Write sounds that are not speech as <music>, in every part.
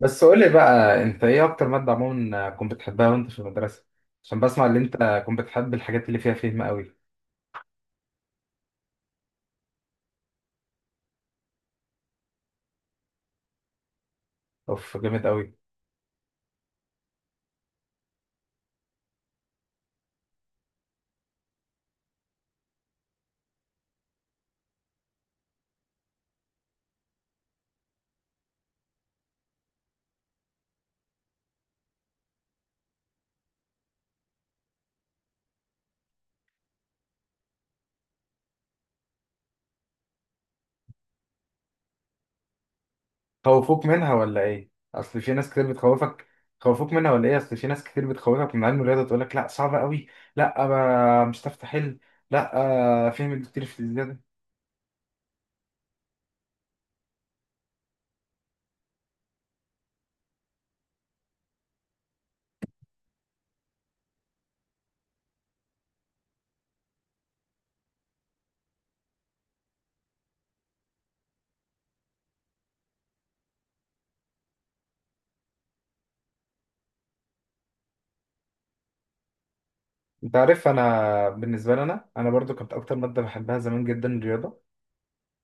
بس قول لي بقى، انت ايه اكتر ماده عموما كنت بتحبها وانت في المدرسه؟ عشان بسمع ان انت كنت بتحب الحاجات اللي فيها فهم قوي. اوف، جامد قوي. خوفوك منها ولا ايه؟ اصل في ناس كتير بتخوفك. خوفوك منها ولا ايه؟ اصل في ناس كتير بتخوفك من علم الرياضه، تقول لك لا صعبه قوي، لا ما مش هتعرف تحل، لا. فهم كتير في الزياده. انت عارف، انا بالنسبه لي، انا برضو كنت اكتر ماده بحبها زمان جدا الرياضه.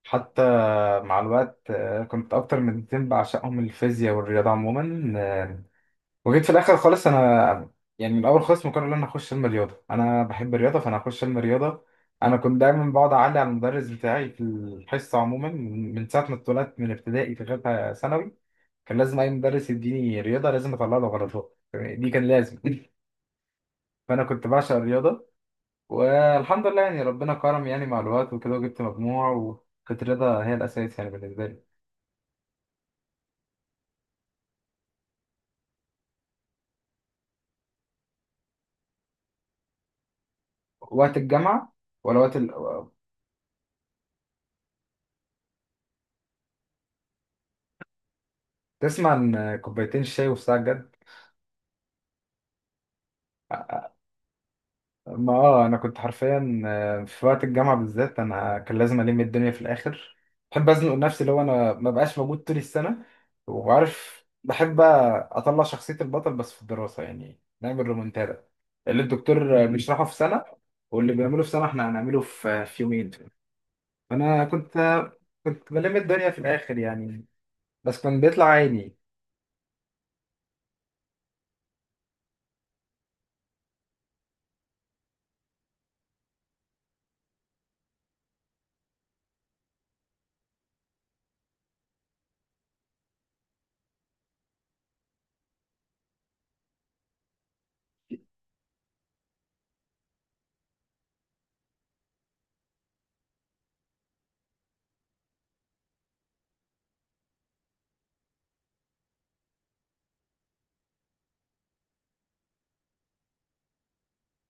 حتى مع الوقت، كنت اكتر مادتين بعشقهم الفيزياء والرياضه عموما. وجيت في الاخر خالص انا يعني من الاول خالص مقرر ان انا اخش علم رياضه، انا بحب الرياضه فانا هخش علم رياضه. انا كنت دايما بقعد اعلي على المدرس بتاعي في الحصه عموما، من ساعه ما اتولدت، من ابتدائي لغايه ثانوي. كان لازم اي مدرس يديني رياضه لازم اطلع له غلطات، دي كان لازم. <laughs> فانا كنت بعشق الرياضه. والحمد لله، يعني ربنا كرم، يعني مع الوقت وكده وجبت مجموع، وكانت الرياضه هي الاساس يعني بالنسبه لي. وقت الجامعه، ولا وقت تسمع عن كوبايتين الشاي والساعه الجد؟ ما اه انا كنت حرفيا، في وقت الجامعه بالذات انا كان لازم الم الدنيا في الاخر. بحب ازنق نفسي، لو انا ما بقاش موجود طول السنه. وعارف، بحب بقى اطلع شخصيه البطل بس في الدراسه، يعني نعمل ريمونتادا. اللي الدكتور بيشرحه في سنه، واللي بيعمله في سنه احنا هنعمله في يومين. فانا كنت كنت بلم الدنيا في الاخر يعني. بس كان بيطلع عيني.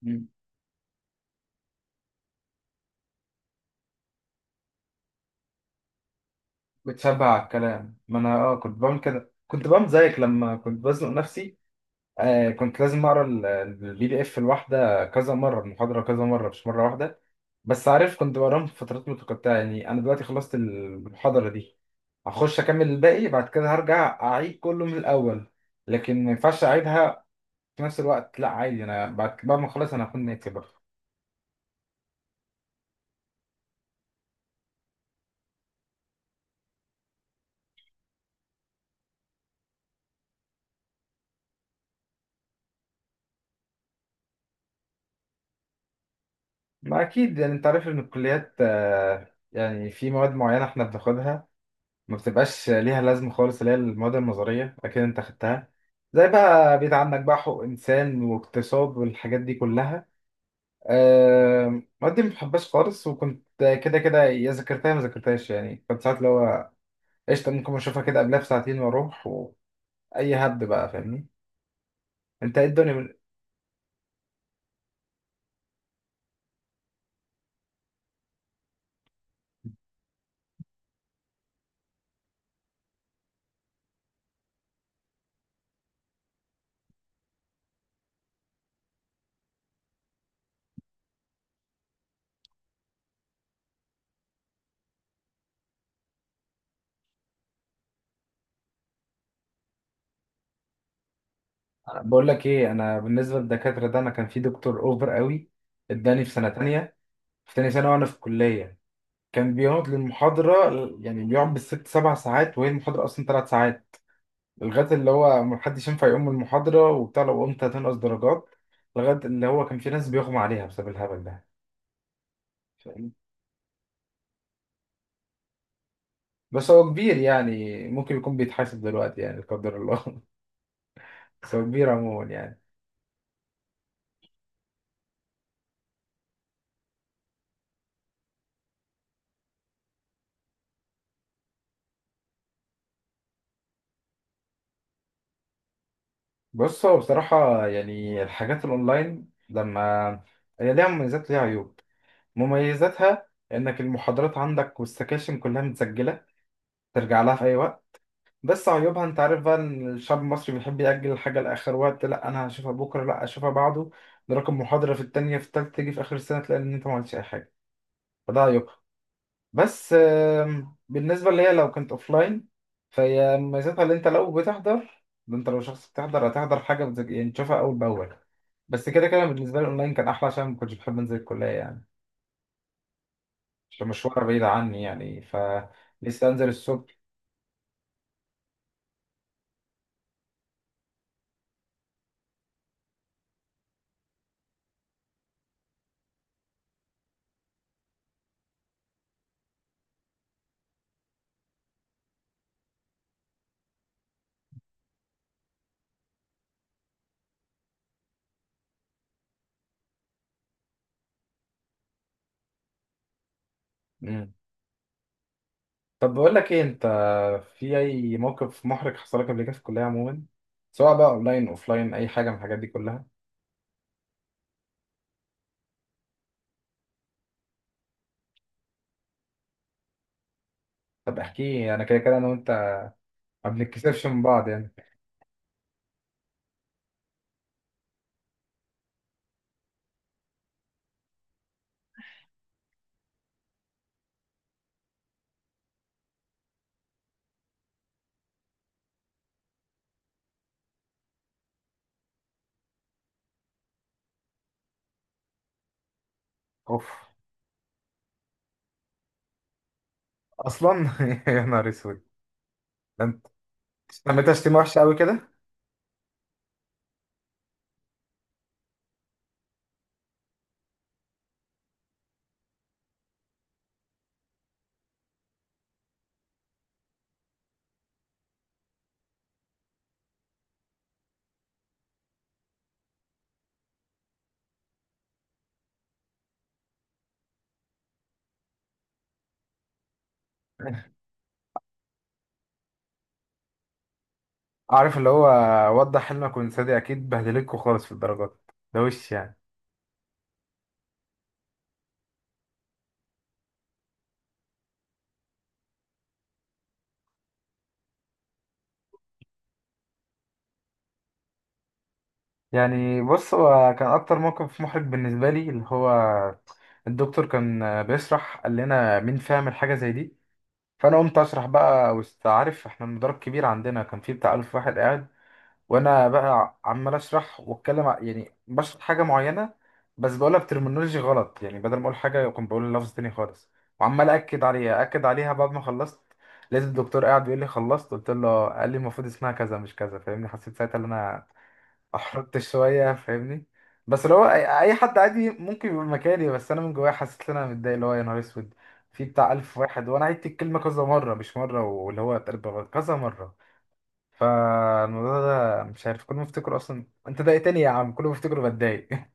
مم. بتشبع على الكلام، ما انا كنت بعمل كده، كنت بعمل زيك لما كنت بزنق نفسي. كنت لازم اقرا البي دي اف الواحده كذا مره، المحاضره كذا مره، مش مره واحده. بس عارف، كنت بقراهم في فترات متقطعه، يعني انا دلوقتي خلصت المحاضره دي هخش اكمل الباقي، بعد كده هرجع اعيد كله من الاول. لكن ما ينفعش اعيدها في نفس الوقت، لا عادي، انا بعد ما اخلص انا هكون ناتي برضه. ما اكيد يعني، انت عارف ان الكليات، يعني في مواد معينه احنا بناخدها ما بتبقاش ليها لازمة خالص، اللي هي المواد النظرية. أكيد أنت خدتها، زي بقى، بعيد عنك بقى، حقوق إنسان واقتصاد والحاجات دي كلها. المواد دي ما بحبهاش خالص، وكنت كده كده يا ذاكرتها يا ما ذاكرتهاش، يعني كنت ساعات اللي هو قشطة، ممكن أشوفها كده قبلها بساعتين وأروح وأي هبد بقى، فاهمني؟ أنت إيه الدنيا بقول لك إيه؟ أنا بالنسبة للدكاترة ده، أنا كان في دكتور أوفر قوي، إداني في سنة تانية، في تانية سنة وأنا في الكلية. كان بيقعد للمحاضرة، يعني بيقعد بالست سبع ساعات، وهي المحاضرة أصلا 3 ساعات، لغاية اللي هو محدش ينفع يقوم من المحاضرة وبتاع، لو قمت هتنقص درجات، لغاية اللي هو كان في ناس بيغمى عليها بسبب الهبل ده. فاهم؟ بس هو كبير، يعني ممكن يكون بيتحاسب دلوقتي يعني، لا قدر الله. <laughs> بس هو كبير عموما يعني. بص، هو بصراحة يعني، الحاجات الأونلاين لما، هي ليها مميزات ليها عيوب. مميزاتها إنك المحاضرات عندك والسكاشن كلها متسجلة، ترجع لها في أي وقت. بس عيوبها، انت عارف بقى ان الشعب المصري بيحب يأجل الحاجة لآخر وقت. لا انا هشوفها بكرة، لا هشوفها بعده، نراكم محاضرة في التانية، في التالتة، تيجي في آخر السنة تلاقي ان انت ما عملتش اي حاجة. فده عيوبها. بس، بالنسبة ليا لو كنت اوفلاين، فهي ميزتها اللي انت لو بتحضر، ده انت لو شخص بتحضر هتحضر حاجة يعني تشوفها اول باول. بس كده كده بالنسبة لي اونلاين كان احلى، عشان ما كنتش بحب انزل الكلية يعني، عشان مشوارها بعيد عني يعني، فلسه انزل الصبح. طب بقول لك ايه، انت في اي موقف محرج حصل لك قبل كده في الكليه عموما، سواء بقى اونلاين، اوفلاين، اي حاجه من الحاجات دي كلها؟ طب احكي، انا كده كده انا وانت ما بنتكسفش من بعض يعني. اوف، اصلا! <laughs> يا نهار اسود! ده انت سميتها <laughs> شتيمه وحشه قوي كده. عارف اللي هو وضح حلمك وانسى، اكيد بهدلتكوا خالص في الدرجات. ده وش يعني؟ يعني بص، هو كان اكتر موقف محرج بالنسبه لي اللي هو، الدكتور كان بيشرح، قال لنا مين فاهم الحاجه زي دي؟ فانا قمت اسرح بقى وسط، عارف احنا المدرج كبير عندنا، كان فيه بتاع 1000 واحد قاعد، وانا بقى عمال اسرح واتكلم يعني بشرح حاجه معينه. بس بقولها بترمينولوجي غلط، يعني بدل ما اقول حاجه كنت بقول لفظ تاني خالص، وعمال اكد عليها اكد عليها. بعد ما خلصت لقيت الدكتور قاعد بيقول لي: خلصت؟ قلت له، قال لي المفروض اسمها كذا مش كذا، فاهمني؟ حسيت ساعتها ان انا احرجت شويه، فاهمني. بس اللي هو أي حد عادي ممكن يبقى مكاني، بس انا من جوايا حسيت ان انا متضايق، اللي هو يا نهار اسود، في بتاع 1000 واحد وانا عدت الكلمه كذا مره مش مره، واللي هو اتقلب غلط، كذا مره. فالموضوع ده مش عارف، كل ما افتكره اصلا انت ضايقتني يا عم، كل ما افتكره بتضايق. <laughs>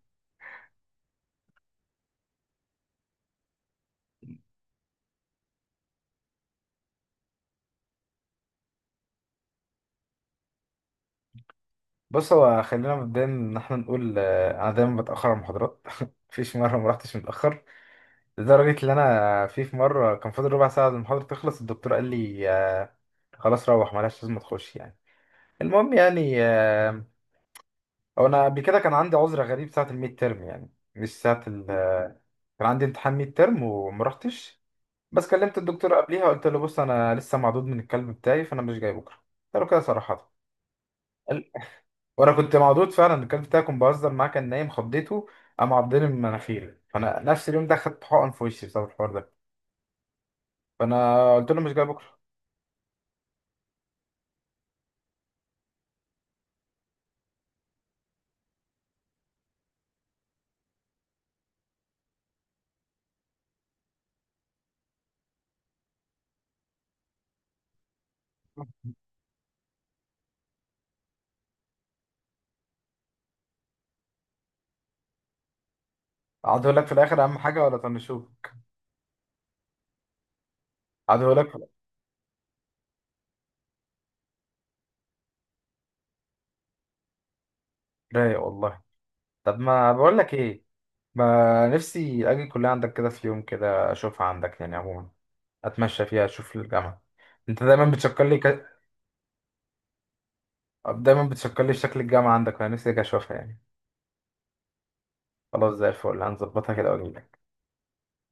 بص هو خلينا مبدئيا ان احنا نقول، انا دايما بتاخر على المحاضرات. <laughs> مفيش مره ما رحتش متاخر، لدرجه ان انا في مره كان فاضل ربع ساعه المحاضره تخلص، الدكتور قال لي خلاص روح، ملهاش لازم تخش يعني. المهم يعني، هو انا قبل كده كان عندي عذر غريب ساعه الميد تيرم يعني، مش ساعه ال آه، كان عندي امتحان ميد تيرم وما رحتش. بس كلمت الدكتور قبليها، قلت له بص، انا لسه معدود من الكلب بتاعي فانا مش جاي بكره. قلت له كده صراحه. قال- وانا كنت معدود فعلا، الكلب بتاعي كنت بهزر معاه كان نايم، خضيته، قام عضني من مناخيري، فانا نفس اليوم ده خدت حقن في وشي بسبب الحوار ده، فانا قلت له مش جاي بكره. عدهولك في الاخر اهم حاجه، ولا طنشوك؟ عدهولك في الآخر. رايق والله. طب ما بقول لك ايه، ما نفسي اجي الكليه عندك كده في يوم كده، اشوفها عندك يعني عموما، اتمشى فيها، اشوف الجامعه. انت دايما بتشكر لي، دايما بتشكر لي في شكل الجامعه عندك، انا نفسي اجي اشوفها يعني. خلاص زي الفل، هنظبطها كده واجي لك.